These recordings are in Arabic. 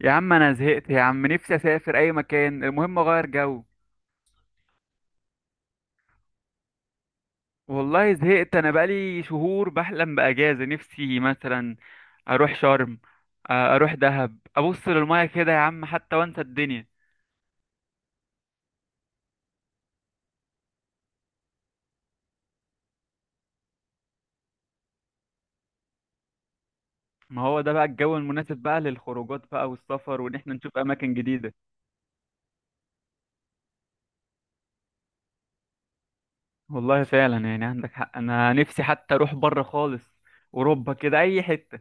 يا عم، انا زهقت يا عم. نفسي اسافر اي مكان، المهم اغير جو. والله زهقت، انا بقالي شهور بحلم باجازه. نفسي مثلا اروح شرم، اروح دهب، ابص للميه كده يا عم، حتى وانسى الدنيا. ما هو ده بقى الجو المناسب بقى للخروجات بقى والسفر، وان احنا نشوف اماكن جديده. والله فعلا يعني عندك حق، انا نفسي حتى اروح بره خالص، اوروبا كده، اي حته.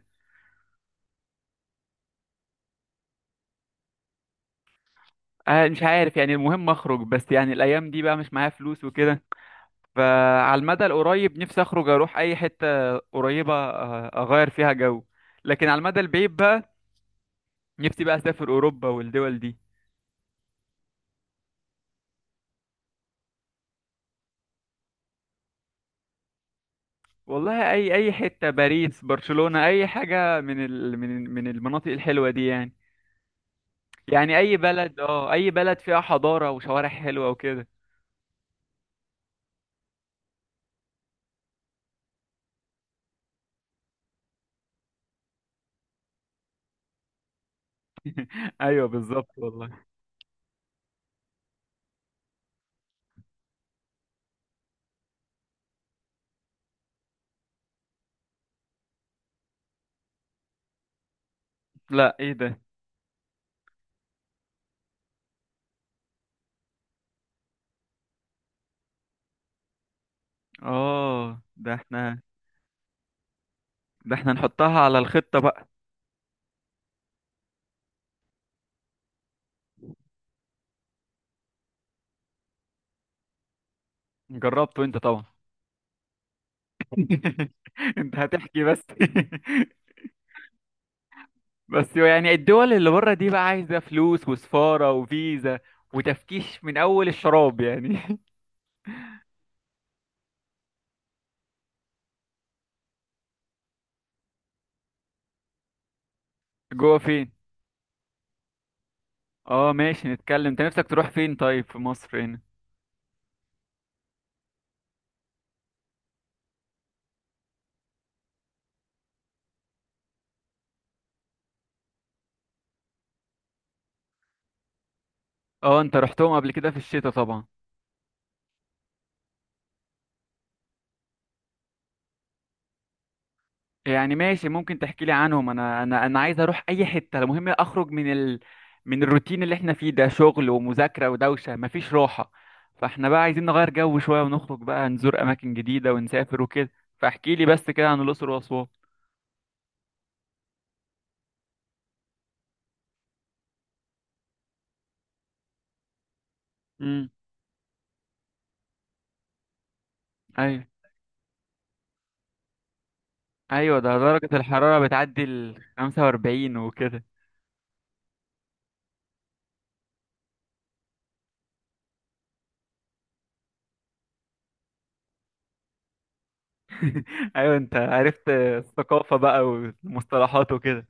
مش عارف يعني، المهم اخرج، بس يعني الايام دي بقى مش معايا فلوس وكده. فعلى المدى القريب، نفسي اخرج اروح اي حته قريبه، اغير فيها جو. لكن على المدى البعيد بقى، نفسي بقى اسافر اوروبا والدول دي. والله اي حته، باريس، برشلونه، اي حاجه من ال من من المناطق الحلوه دي يعني. يعني اي بلد، اه اي بلد فيها حضاره وشوارع حلوه وكده. ايوه بالظبط والله. لا، ايه ده؟ اه ده احنا، ده احنا نحطها على الخطه بقى. جربته انت طبعا؟ انت هتحكي بس. بس يعني الدول اللي بره دي بقى عايزة فلوس وسفارة وفيزا، وتفكيش من أول الشراب يعني. جوه فين؟ اه ماشي، نتكلم. انت نفسك تروح فين طيب في مصر هنا؟ اه، انت رحتهم قبل كده في الشتاء طبعا. يعني ماشي ممكن تحكي لي عنهم. انا عايز اروح اي حتة، المهم اخرج من من الروتين اللي احنا فيه ده، شغل ومذاكرة ودوشة، مفيش راحة. فاحنا بقى عايزين نغير جو شوية، ونخرج بقى، نزور اماكن جديدة ونسافر وكده. فاحكي لي بس كده عن الأقصر وأسوان. امم. ايوه، ايوه، ده درجة الحرارة بتعدي ال 45 وكده. ايوه، انت عرفت الثقافة بقى والمصطلحات وكده.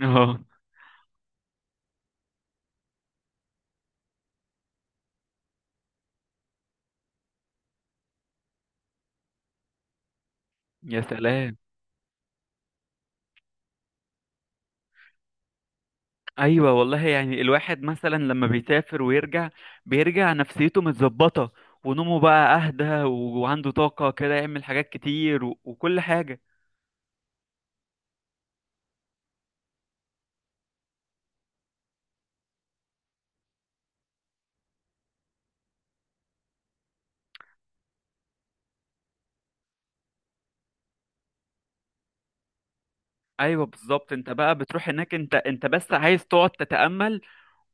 اه. يا سلام. ايوه والله، يعني الواحد مثلا لما بيسافر ويرجع، بيرجع نفسيته متظبطة، ونومه بقى اهدى، وعنده طاقة كده، يعمل حاجات كتير وكل حاجة. ايوه بالظبط، انت بقى بتروح هناك انت بس عايز تقعد تتأمل،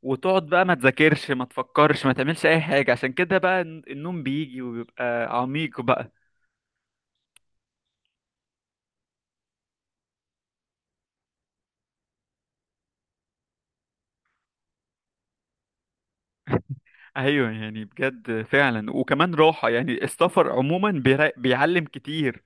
وتقعد بقى ما تذاكرش ما تفكرش ما تعملش اي حاجة، عشان كده بقى النوم بيجي وبيبقى عميق بقى. ايوه، يعني بجد فعلا، وكمان راحة. يعني السفر عموما بيعلم كتير.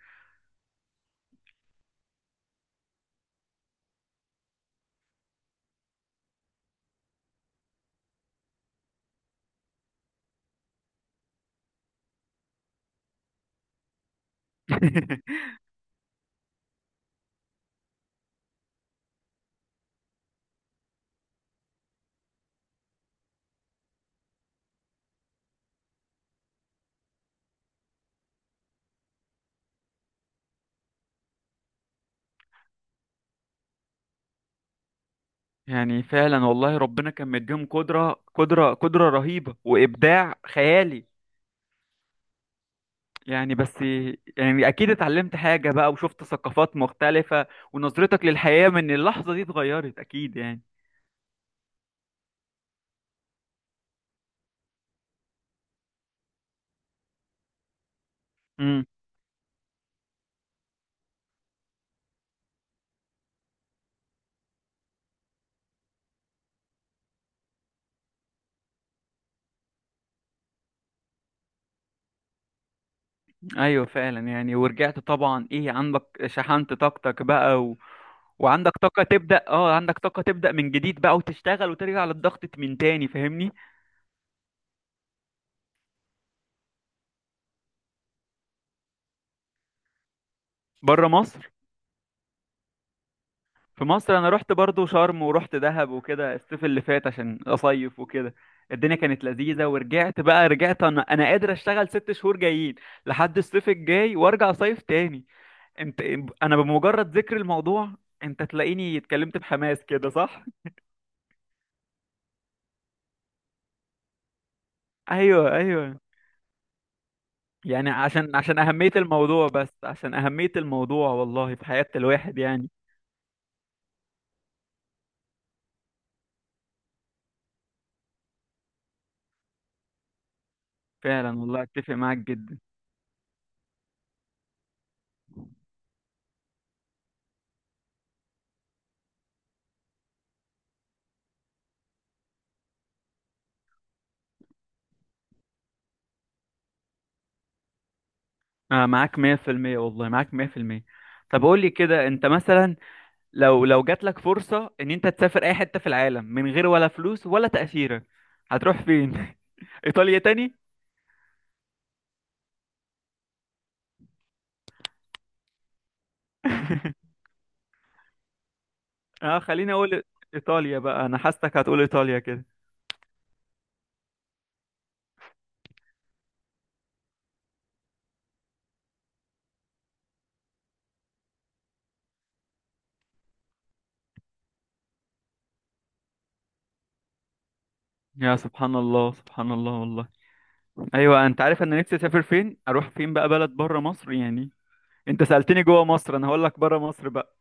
يعني فعلا والله، ربنا كان مديهم قدرة قدرة قدرة رهيبة، وإبداع خيالي يعني بس. يعني أكيد اتعلمت حاجة بقى، وشفت ثقافات مختلفة، ونظرتك للحياة من اللحظة دي اتغيرت أكيد يعني. ايوه فعلا، يعني ورجعت طبعا ايه، عندك شحنت طاقتك بقى وعندك طاقة تبدأ، اه عندك طاقة تبدأ من جديد بقى، وتشتغل وترجع للضغط من تاني، فاهمني. بره مصر. في مصر، انا رحت برضو شرم ورحت دهب وكده الصيف اللي فات، عشان اصيف وكده. الدنيا كانت لذيذة، ورجعت بقى، رجعت انا، انا قادر اشتغل ست شهور جايين لحد الصيف الجاي، وارجع صيف تاني. انت، انا بمجرد ذكر الموضوع، انت تلاقيني اتكلمت بحماس كده، صح؟ ايوه ايوه، يعني عشان أهمية الموضوع، بس عشان أهمية الموضوع والله في حياة الواحد يعني. فعلا والله، أتفق معاك جدا. آه معاك 100%، والله معاك 100%. طب قول لي كده، أنت مثلا لو جات لك فرصة إن أنت تسافر أي حتة في العالم، من غير ولا فلوس ولا تأشيرة، هتروح فين؟ إيطاليا تاني؟ اه خليني أقول، إيطاليا بقى، أنا حاسسك هتقول إيطاليا كده. يا سبحان الله، سبحان الله والله. ايوه، انت عارف انا نفسي اسافر فين؟ اروح فين بقى بلد بره مصر يعني؟ انت سألتني جوه مصر، انا هقول لك بره مصر بقى.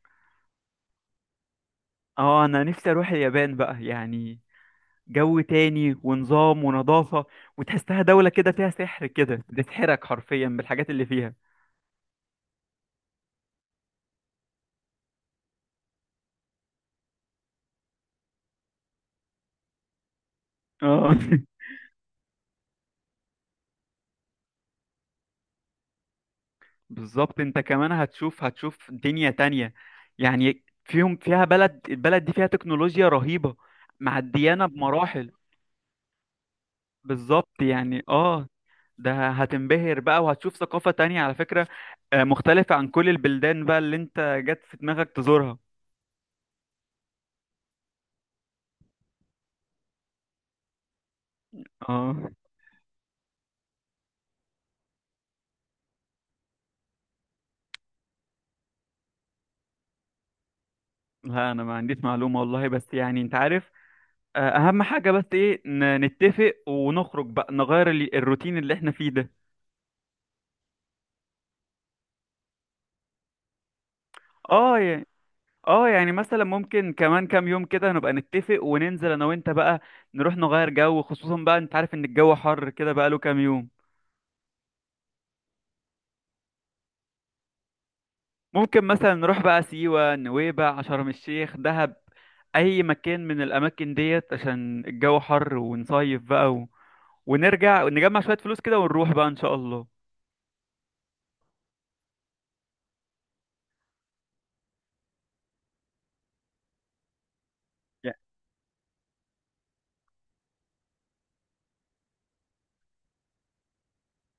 اه انا نفسي اروح اليابان بقى يعني، جو تاني ونظام ونظافة، وتحسها دولة كده فيها سحر، كده بتسحرك حرفيا بالحاجات اللي فيها. اه. بالظبط، انت كمان هتشوف، هتشوف دنيا تانية. يعني فيهم، فيها بلد، البلد دي فيها تكنولوجيا رهيبة، معديانة بمراحل. بالظبط يعني اه، ده هتنبهر بقى، وهتشوف ثقافة تانية على فكرة، مختلفة عن كل البلدان بقى اللي انت جت في دماغك تزورها. اه. لا انا ما عنديش معلومة والله، بس يعني انت عارف. اهم حاجة بس ايه، نتفق ونخرج بقى، نغير الروتين اللي احنا فيه ده. اه يعني، اه يعني مثلا ممكن كمان كام يوم كده نبقى نتفق وننزل انا وانت بقى، نروح نغير جو، خصوصا بقى انت عارف ان الجو حر كده بقى له كام يوم. ممكن مثلا نروح بقى سيوة، نويبع، شرم الشيخ، دهب، اي مكان من الاماكن ديت، عشان الجو حر ونصيف بقى ونرجع نجمع شوية فلوس كده، ونروح بقى ان شاء الله.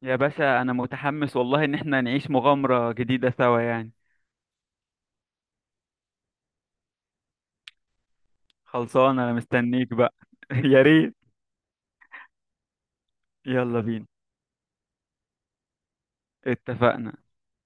يا باشا انا متحمس والله ان احنا نعيش مغامرة جديدة سوا يعني. خلصان، انا مستنيك بقى. يا ريت. يلا بينا، اتفقنا.